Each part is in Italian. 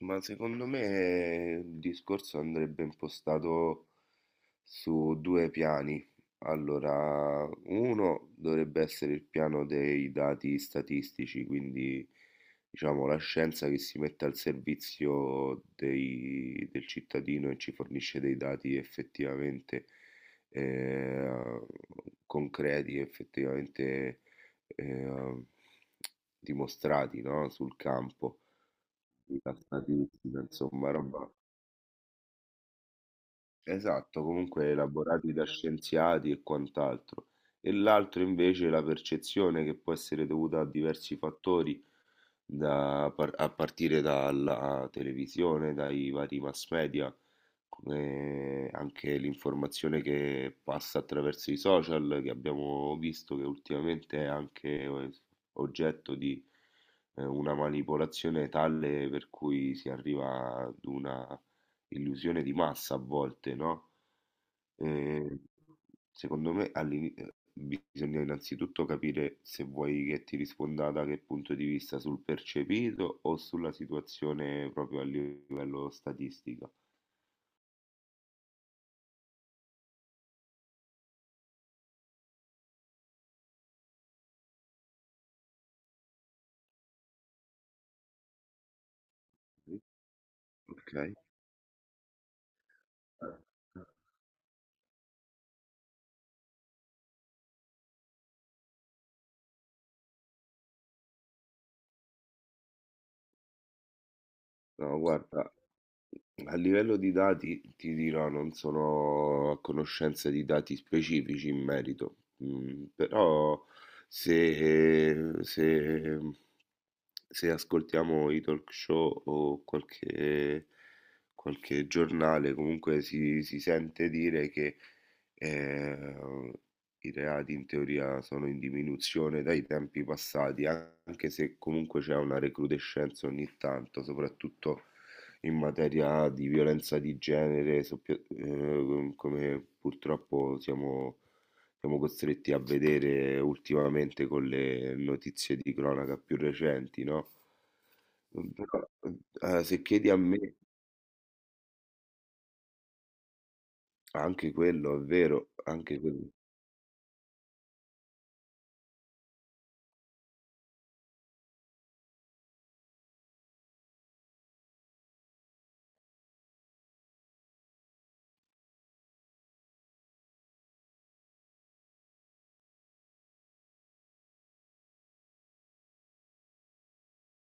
Ma secondo me il discorso andrebbe impostato su due piani. Allora, uno dovrebbe essere il piano dei dati statistici, quindi diciamo la scienza che si mette al servizio del cittadino e ci fornisce dei dati effettivamente eh, concreti, effettivamente eh, dimostrati, no? Sul campo. I passatissima, insomma, roba esatto, comunque elaborati da scienziati e quant'altro. E l'altro invece è la percezione che può essere dovuta a diversi fattori a partire dalla televisione, dai vari mass media, anche l'informazione che passa attraverso i social, che abbiamo visto che ultimamente è anche oggetto di una manipolazione tale per cui si arriva ad una illusione di massa a volte, no? Ehm, Secondo me bisogna innanzitutto capire se vuoi che ti risponda da che punto di vista, sul percepito o sulla situazione proprio a livello statistico. Ok. No, guarda, a livello di dati ti dirò, non sono a conoscenza di dati specifici in merito, mm, però se, se se ascoltiamo i talk show o qualche, qualche giornale, comunque si sente dire che eh, i reati in teoria sono in diminuzione dai tempi passati, anche se comunque c'è una recrudescenza ogni tanto, soprattutto in materia di violenza di genere, come purtroppo siamo costretti a vedere ultimamente con le notizie di cronaca più recenti, no? Mhmm. Però, se chiedi a me, anche quello è vero, anche quello,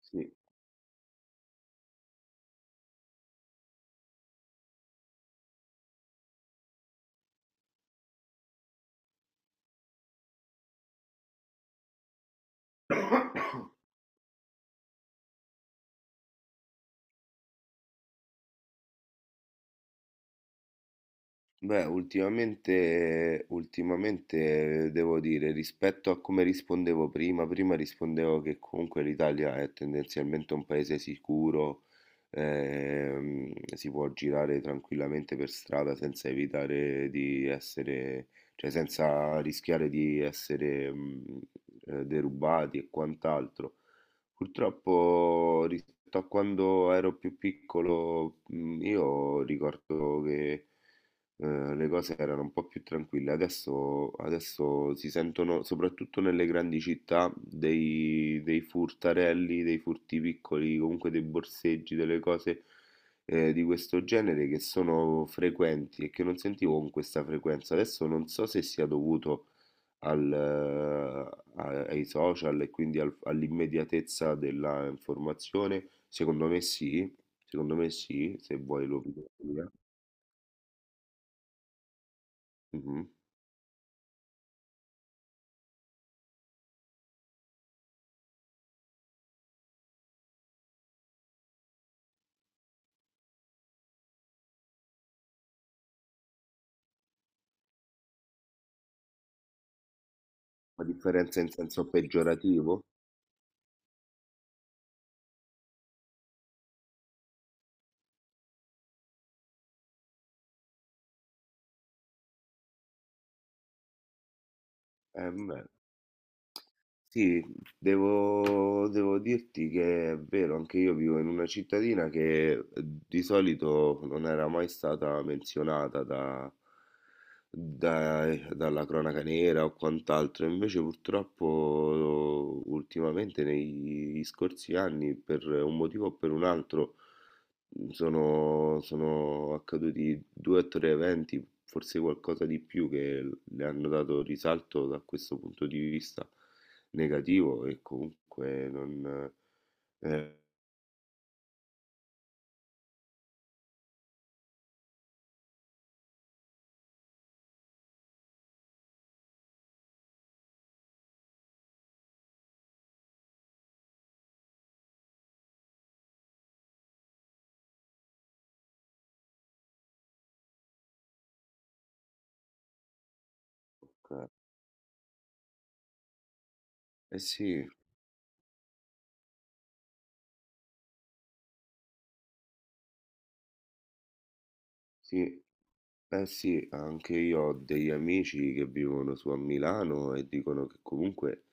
sì. Beh, ultimamente devo dire, rispetto a come rispondevo prima, prima rispondevo che comunque l'Italia è tendenzialmente un paese sicuro, si può girare tranquillamente per strada senza evitare di essere, cioè senza rischiare di essere, derubati e quant'altro. Purtroppo rispetto a quando ero più piccolo, io ricordo che le cose erano un po' più tranquille. Adesso si sentono, soprattutto nelle grandi città, dei, dei furtarelli, dei furti piccoli, comunque dei borseggi, delle cose di questo genere che sono frequenti e che non sentivo con questa frequenza. Adesso non so se sia dovuto ai social e quindi all'immediatezza della informazione. Secondo me sì, se vuoi lo via. La differenza in senso peggiorativo? Beh, sì, devo dirti che è vero, anche io vivo in una cittadina che di solito non era mai stata menzionata dalla cronaca nera o quant'altro, invece purtroppo ultimamente negli scorsi anni, per un motivo o per un altro, mhmm. Sono accaduti due o tre eventi, forse qualcosa di più, che le hanno dato risalto da questo punto di vista negativo e comunque non... Eh, eh sì, sì. Eh sì, anche io ho degli amici che vivono su a Milano e dicono che comunque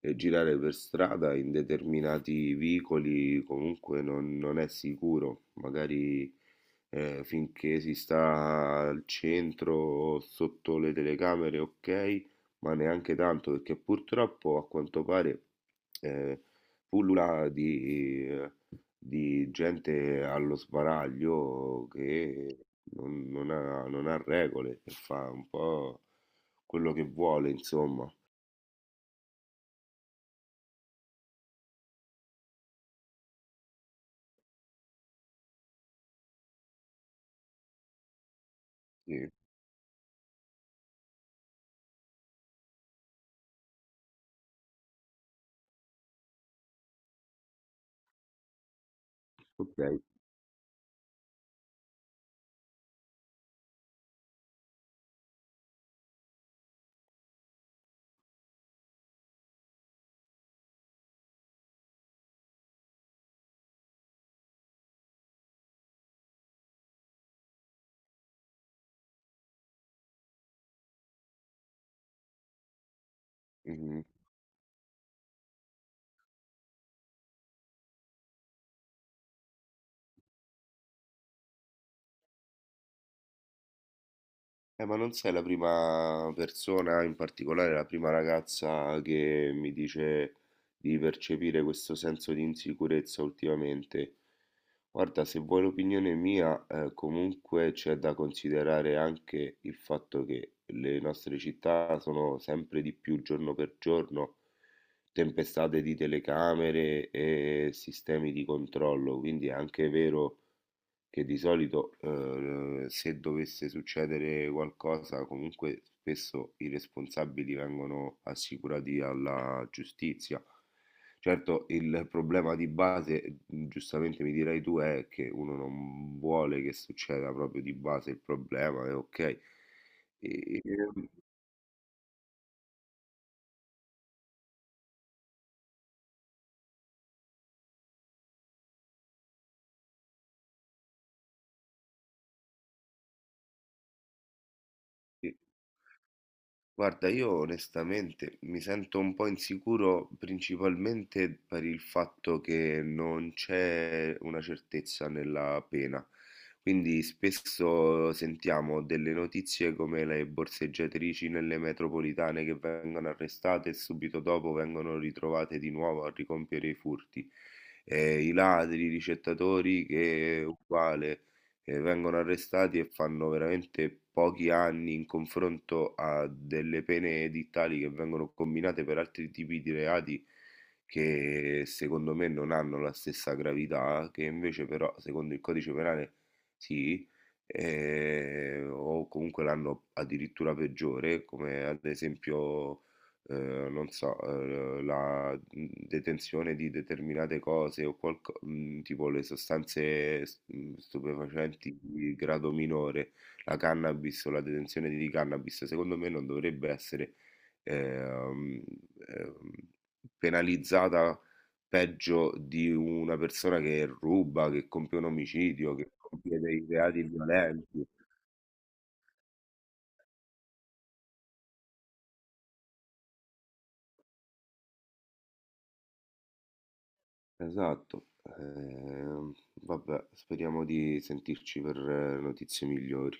girare per strada in determinati vicoli comunque non, non è sicuro, magari finché si sta al centro o sotto le telecamere, ok, ma neanche tanto perché purtroppo a quanto pare eh, pullula di gente allo sbaraglio che non ha, non ha regole e fa un po' quello che vuole, insomma. Sì, ok. Mhm. Ma non sei la prima persona, in particolare la prima ragazza che mi dice di percepire questo senso di insicurezza ultimamente. Guarda, se vuoi l'opinione mia, comunque c'è da considerare anche il fatto che le nostre città sono sempre di più giorno per giorno tempestate di telecamere e sistemi di controllo, quindi è anche vero che di solito se dovesse succedere qualcosa, comunque spesso i responsabili vengono assicurati alla giustizia. Certo, il problema di base, giustamente mi dirai tu, è che uno non vuole che succeda proprio di base il problema, è ok. E- e- Guarda, io onestamente mi sento un po' insicuro principalmente per il fatto che non c'è una certezza nella pena. Quindi spesso sentiamo delle notizie come le borseggiatrici nelle metropolitane che vengono arrestate e subito dopo vengono ritrovate di nuovo a ricompiere i furti. I ladri, i ricettatori che è uguale che vengono arrestati e fanno veramente pochi anni in confronto a delle pene edittali che vengono combinate per altri tipi di reati che secondo me non hanno la stessa gravità, che invece però secondo il codice penale sì, o comunque l'hanno addirittura peggiore, come ad esempio non so, la, detenzione di determinate cose o tipo le sostanze stupefacenti di grado minore, la cannabis o la detenzione di cannabis, secondo me non dovrebbe essere, ehm, ehm, penalizzata peggio di una persona che ruba, che compie un omicidio, che compie dei reati violenti. Esatto, ehm, vabbè, speriamo di sentirci per notizie migliori.